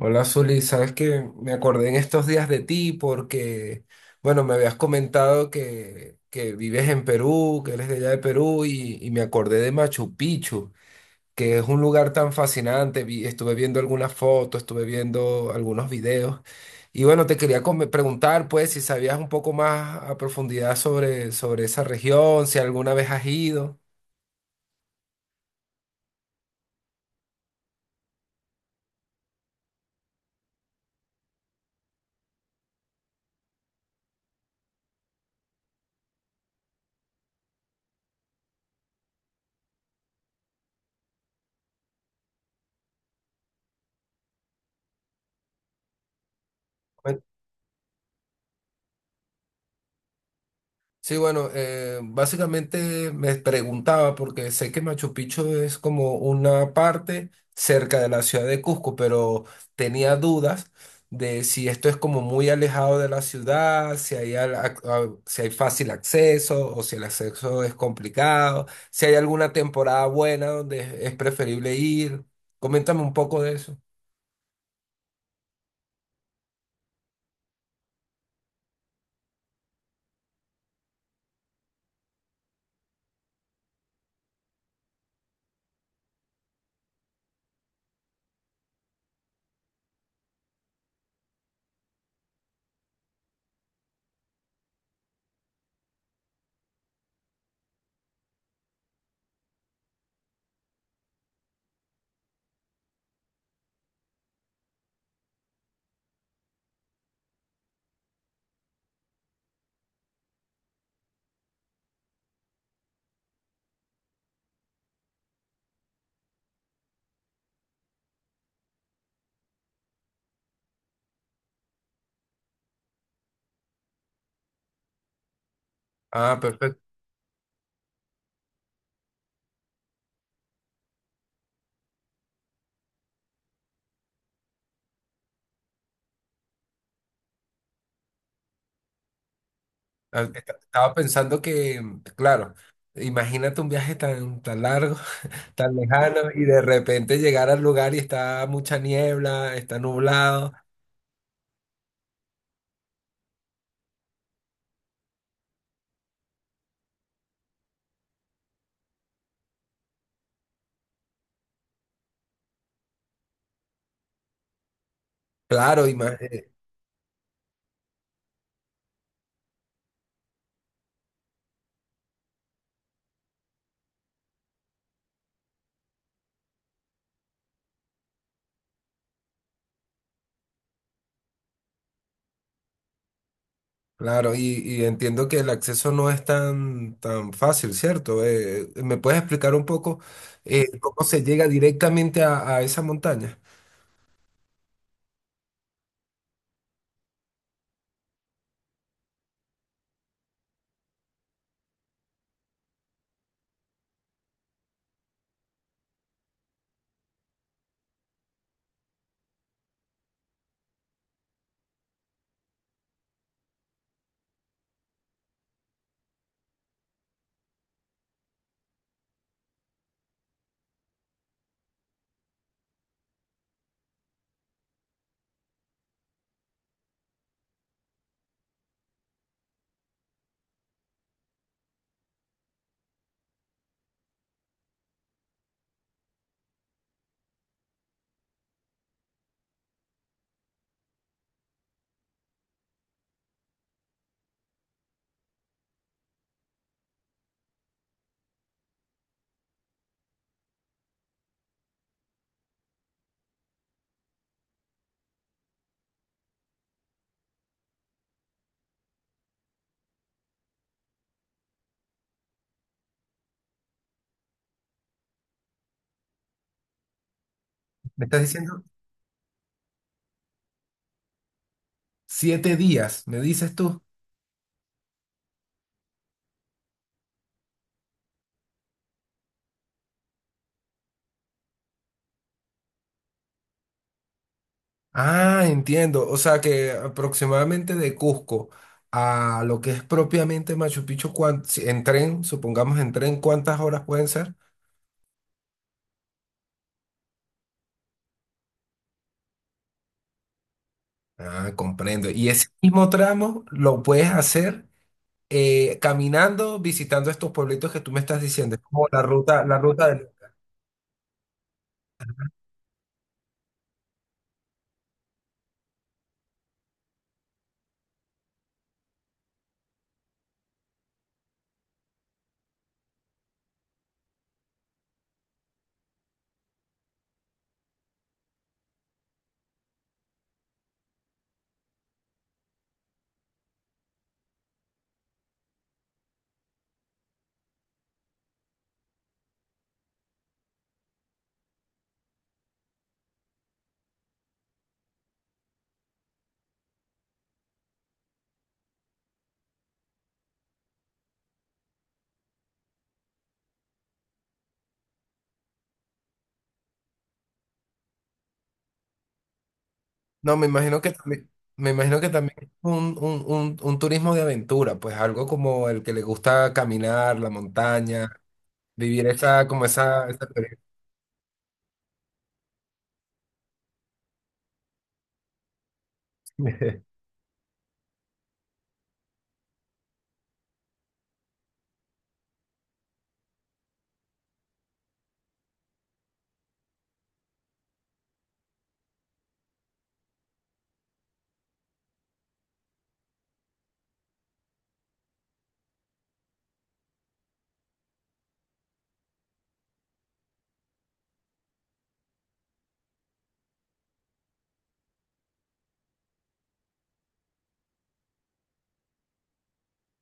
Hola, Zuli. Sabes que me acordé en estos días de ti porque, bueno, me habías comentado que vives en Perú, que eres de allá de Perú y me acordé de Machu Picchu, que es un lugar tan fascinante. Estuve viendo algunas fotos, estuve viendo algunos videos y bueno, te quería preguntar pues si sabías un poco más a profundidad sobre esa región, si alguna vez has ido. Sí, bueno, básicamente me preguntaba, porque sé que Machu Picchu es como una parte cerca de la ciudad de Cusco, pero tenía dudas de si esto es como muy alejado de la ciudad, si hay, si hay fácil acceso o si el acceso es complicado, si hay alguna temporada buena donde es preferible ir. Coméntame un poco de eso. Ah, perfecto. Estaba pensando que, claro, imagínate un viaje tan, tan largo, tan lejano y de repente llegar al lugar y está mucha niebla, está nublado. Claro, claro, y entiendo que el acceso no es tan, tan fácil, ¿cierto? ¿Me puedes explicar un poco cómo se llega directamente a esa montaña? ¿Me estás diciendo? Siete días, me dices tú. Ah, entiendo. O sea que aproximadamente de Cusco a lo que es propiamente Machu Picchu, en tren, supongamos en tren, ¿cuántas horas pueden ser? Ah, comprendo. Y ese mismo tramo lo puedes hacer caminando, visitando estos pueblitos que tú me estás diciendo. Es como la ruta del... No, me imagino que también, me imagino que también es un, un turismo de aventura, pues algo como el que le gusta caminar, la montaña, vivir esa, como esa experiencia.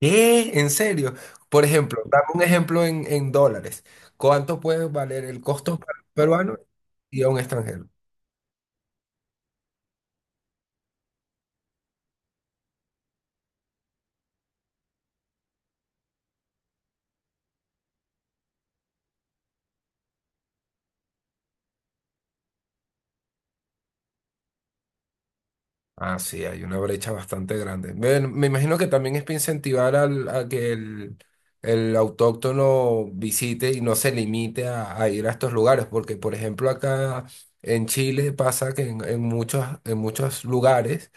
¿Qué? ¿En serio? Por ejemplo, dame un ejemplo en dólares. ¿Cuánto puede valer el costo para un peruano y a un extranjero? Ah, sí, hay una brecha bastante grande. Bueno, me imagino que también es para incentivar a que el autóctono visite y no se limite a ir a estos lugares, porque por ejemplo acá en Chile pasa que en muchos lugares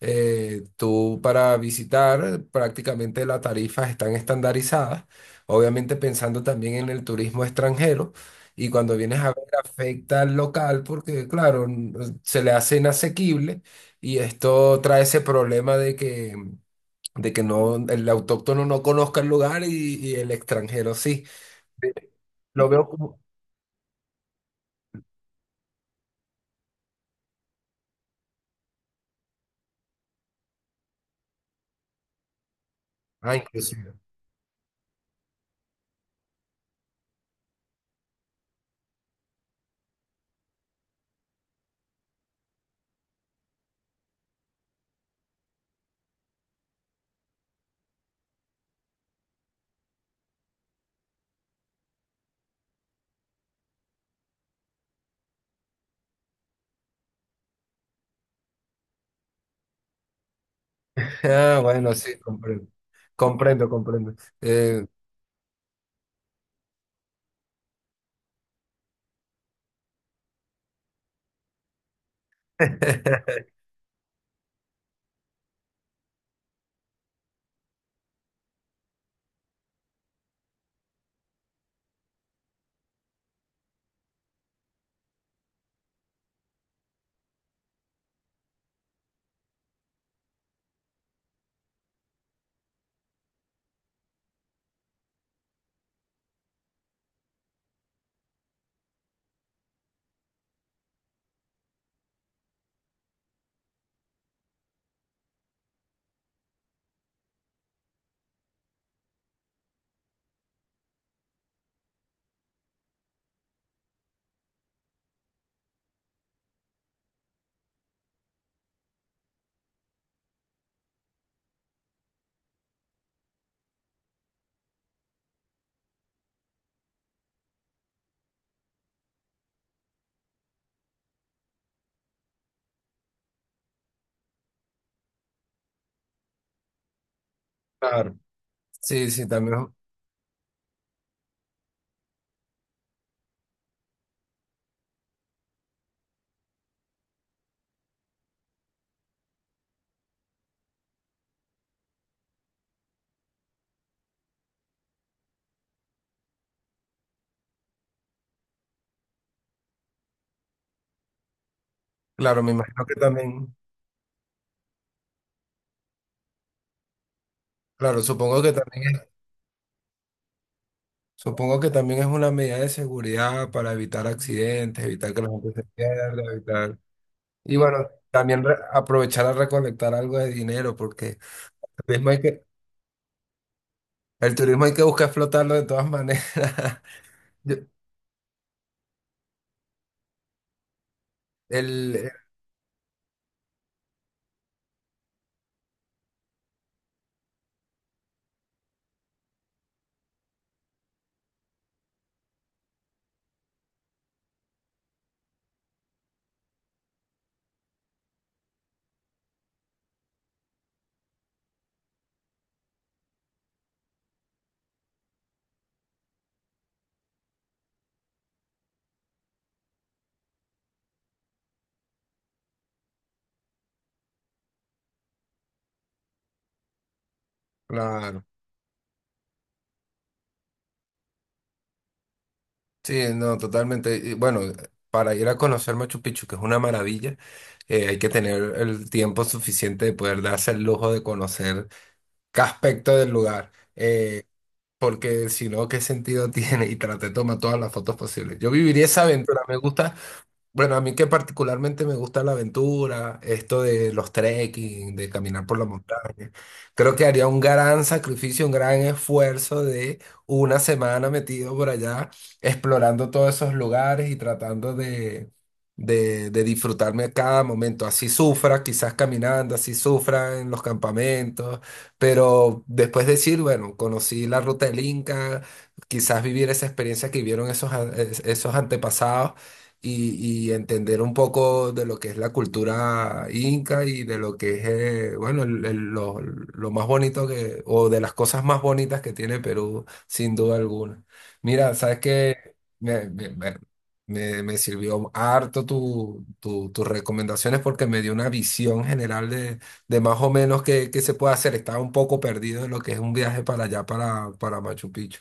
tú para visitar, prácticamente las tarifas están estandarizadas, obviamente pensando también en el turismo extranjero. Y cuando vienes a ver, afecta al local porque, claro, se le hace inasequible y esto trae ese problema de que no, el autóctono no conozca el lugar y el extranjero sí. Sí, lo veo como... Ah, inclusive. Ah, bueno, sí, comprendo. Comprendo, comprendo. Eh, claro. Sí, sí, también, claro, me imagino que también, claro, supongo que también es, supongo que también es una medida de seguridad para evitar accidentes, evitar que la gente se pierda, evitar, y bueno, también aprovechar a recolectar algo de dinero, porque el turismo hay que, el turismo hay que buscar explotarlo de todas maneras. Yo- el, eh, claro, sí, no, totalmente, y bueno, para ir a conocer Machu Picchu, que es una maravilla, hay que tener el tiempo suficiente de poder darse el lujo de conocer qué aspecto del lugar, porque si no, ¿qué sentido tiene? Y traté de tomar todas las fotos posibles. Yo viviría esa aventura, me gusta bueno, a mí que particularmente me gusta la aventura, esto de los trekking, de caminar por la montaña. Creo que haría un gran sacrificio, un gran esfuerzo de una semana metido por allá, explorando todos esos lugares y tratando de disfrutarme cada momento. Así sufra, quizás caminando, así sufra en los campamentos, pero después decir, bueno, conocí la ruta del Inca, quizás vivir esa experiencia que vivieron esos antepasados y entender un poco de lo que es la cultura inca y de lo que es, bueno, lo más bonito que, o de las cosas más bonitas que tiene Perú, sin duda alguna. Mira, sabes que me, me- me- me sirvió harto tu, tus recomendaciones porque me dio una visión general de más o menos qué, qué se puede hacer. Estaba un poco perdido en lo que es un viaje para allá, para Machu Picchu.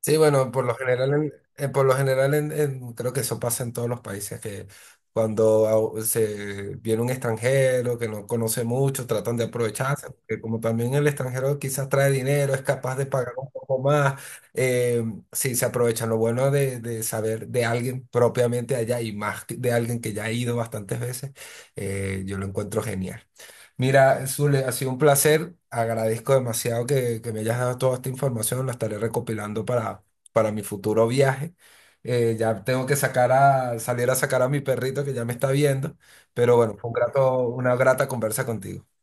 Sí, bueno, por lo general, por lo general creo que eso pasa en todos los países, que cuando se viene un extranjero que no conoce mucho, tratan de aprovecharse, porque como también el extranjero quizás trae dinero, es capaz de pagar un poco más, eh, sí, se aprovechan. Lo bueno de saber de alguien propiamente allá y más de alguien que ya ha ido bastantes veces, yo lo encuentro genial. Mira, Zule, ha sido un placer. Agradezco demasiado que me hayas dado toda esta información. La estaré recopilando para mi futuro viaje. Ya tengo que sacar a, salir a sacar a mi perrito que ya me está viendo. Pero bueno, fue un grato, una grata conversa contigo.